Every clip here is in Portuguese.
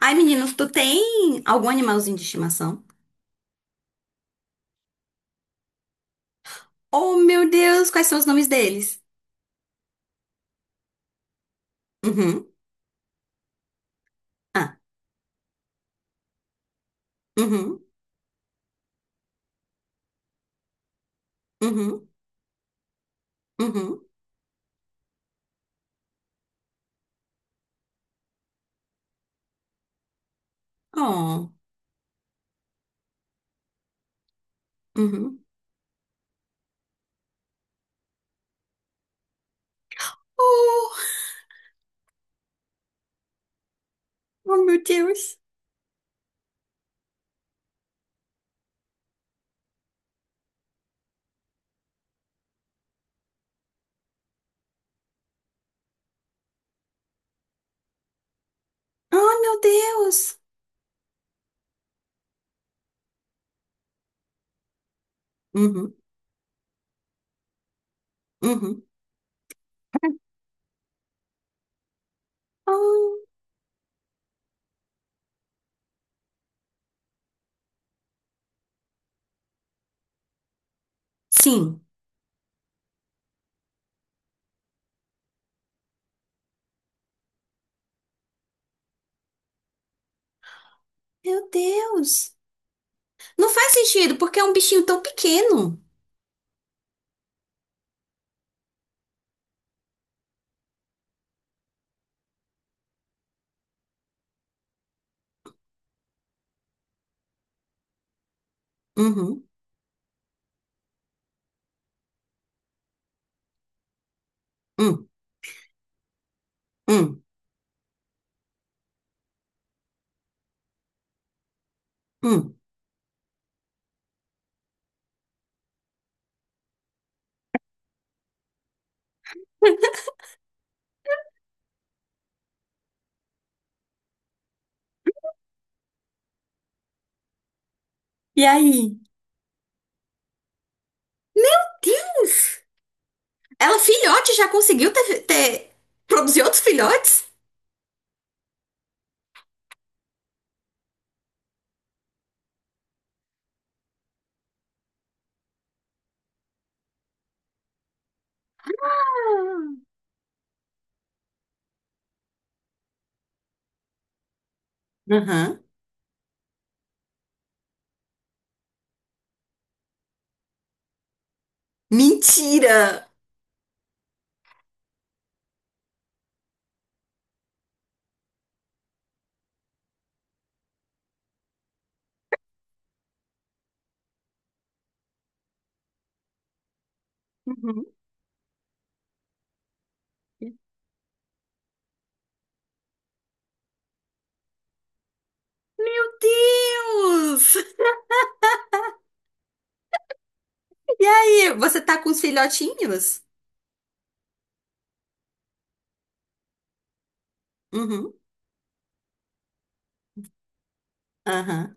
Ai, meninos, tu tem algum animalzinho de estimação? Oh, meu Deus, quais são os nomes deles? Uhum. Ah. Uhum. Uhum. Uhum. Oh. Uhum. Oh, oh meu Deus. Oh, meu Deus. Uhum. Uhum. Oh. Sim. Meu Deus. Não faz sentido, porque é um bichinho tão pequeno. Uhum. Hum. Hum. Hum. E aí? Meu Deus! Ela filhote já conseguiu produzir outros filhotes? Ah. Aham. Mentira! Uhum. Meu Deus! E aí, você tá com os filhotinhos? Uhum. Aham.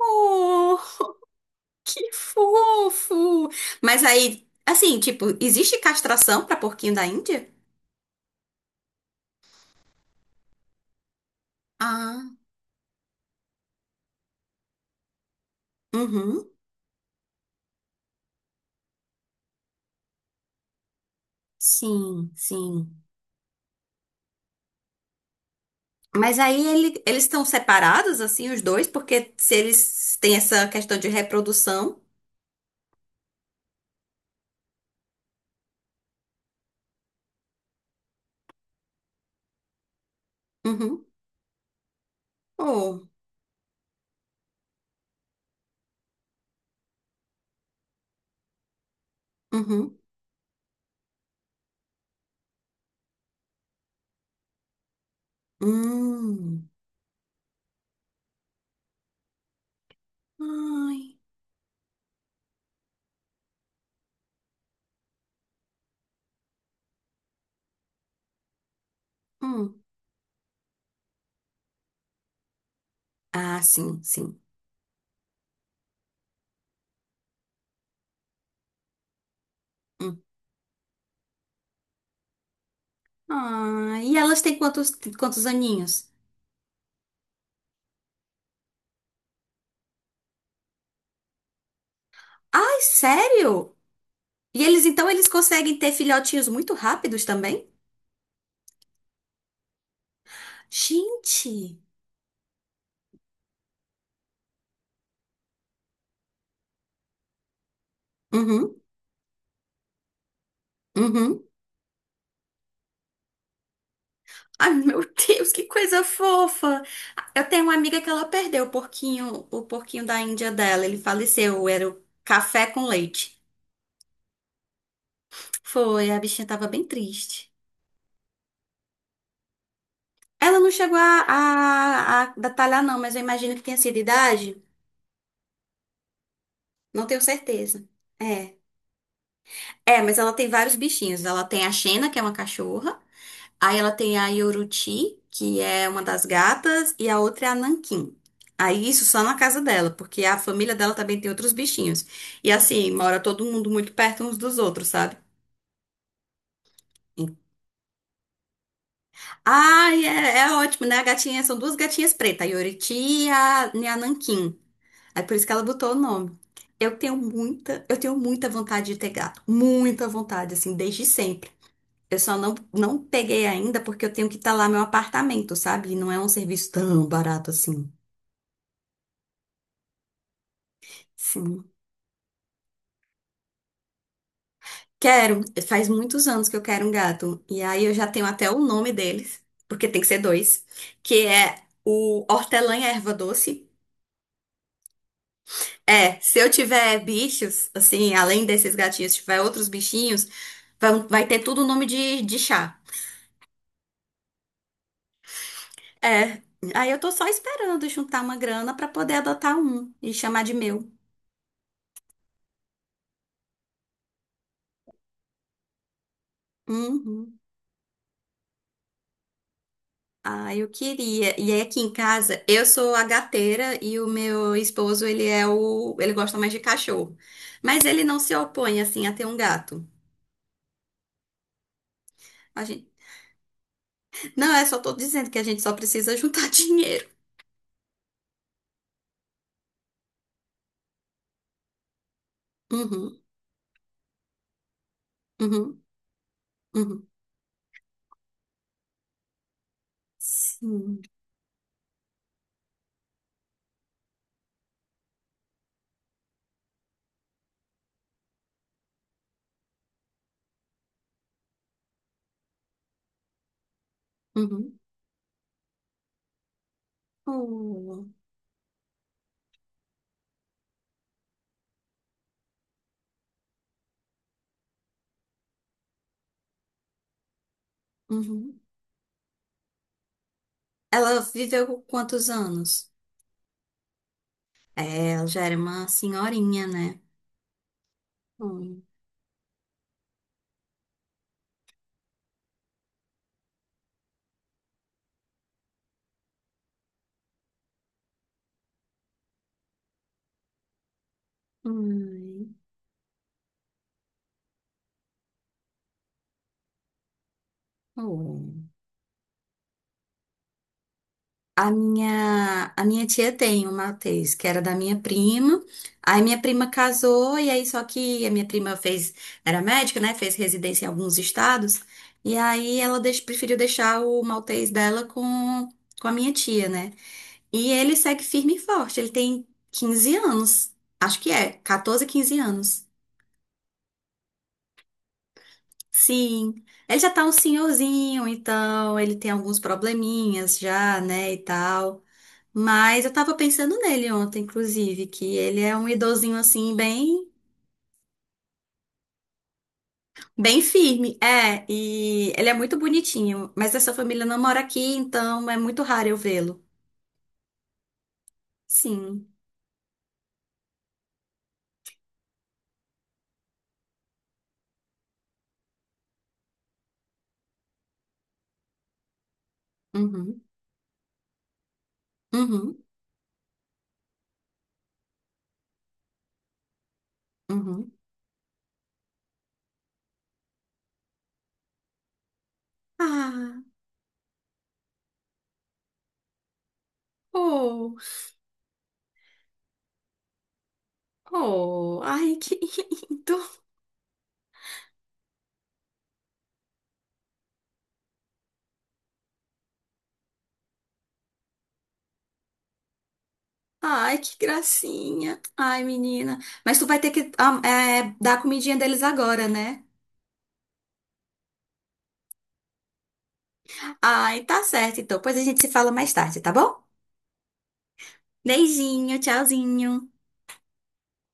Oh, que fofo! Mas aí, assim, tipo, existe castração pra porquinho da Índia? Ah, uhum. Sim, sim. Mas aí ele- eles estão separados, assim, os dois, porque se eles têm essa questão de reprodução. Uhum. Oh, uhum. Hum. Ai. Hum. Ah, sim, sim. Hum. Ah, e elas têm quantos, quantos aninhos? Ai, sério? E eles, então, eles conseguem ter filhotinhos muito rápidos também? Gente! Uhum, uhum. Ai, meu Deus, que coisa fofa! Eu tenho uma amiga que ela perdeu o porquinho da Índia dela. Ele faleceu, era o café com leite. Foi, a bichinha tava bem triste. Ela não chegou a detalhar, não, mas eu imagino que tenha sido idade. Não tenho certeza. É. É, mas ela tem vários bichinhos. Ela tem a Xena, que é uma cachorra. Aí ela tem a Yoruti, que é uma das gatas. E a outra é a Nanquim. Aí isso só na casa dela, porque a família dela também tem outros bichinhos. E assim, mora todo mundo muito perto uns dos outros, sabe? Ai, é, é ótimo, né? A gatinha, são duas gatinhas pretas, a Yoriti e a Nanquim. É por isso que ela botou o nome. Eu tenho muita vontade de ter gato. Muita vontade, assim, desde sempre. Eu só não peguei ainda porque eu tenho que talar meu apartamento, sabe? E não é um serviço tão barato assim. Sim. Quero. Faz muitos anos que eu quero um gato. E aí eu já tenho até o nome deles, porque tem que ser dois, que é o hortelã e a erva doce. É, se eu tiver bichos, assim, além desses gatinhos, se tiver outros bichinhos, vai ter tudo o nome de chá. É. Aí eu tô só esperando juntar uma grana pra poder adotar um e chamar de meu. Uhum. Ah, eu queria. E aí aqui em casa, eu sou a gateira e o meu esposo, ele gosta mais de cachorro. Mas ele não se opõe assim a ter um gato. A gente... Não, é só tô dizendo que a gente só precisa juntar dinheiro. Uhum, uhum, uhum. Sim. Uhum. Oh, uhum. Ela viveu com quantos anos? É, ela já era uma senhorinha, né? Hum. Ai. Oh. A minha tia tem um Matheus, que era da minha prima. Aí minha prima casou, e aí só que a minha prima fez, era médica, né? Fez residência em alguns estados. E aí ela preferiu deixar o Maltês dela com a minha tia, né? E ele segue firme e forte. Ele tem 15 anos. Acho que é, 14, 15 anos. Sim. Ele já tá um senhorzinho, então ele tem alguns probleminhas já, né? E tal. Mas eu tava pensando nele ontem, inclusive, que ele é um idosinho assim, bem, bem firme. É, e ele é muito bonitinho, mas essa família não mora aqui, então é muito raro eu vê-lo. Sim. Uhum. Uhum. Uhum. Ah, oh, oh, ai, que lindo. Ai, que gracinha. Ai, menina. Mas tu vai ter que é, dar a comidinha deles agora, né? Ai, tá certo, então. Pois a gente se fala mais tarde, tá bom? Beijinho, tchauzinho.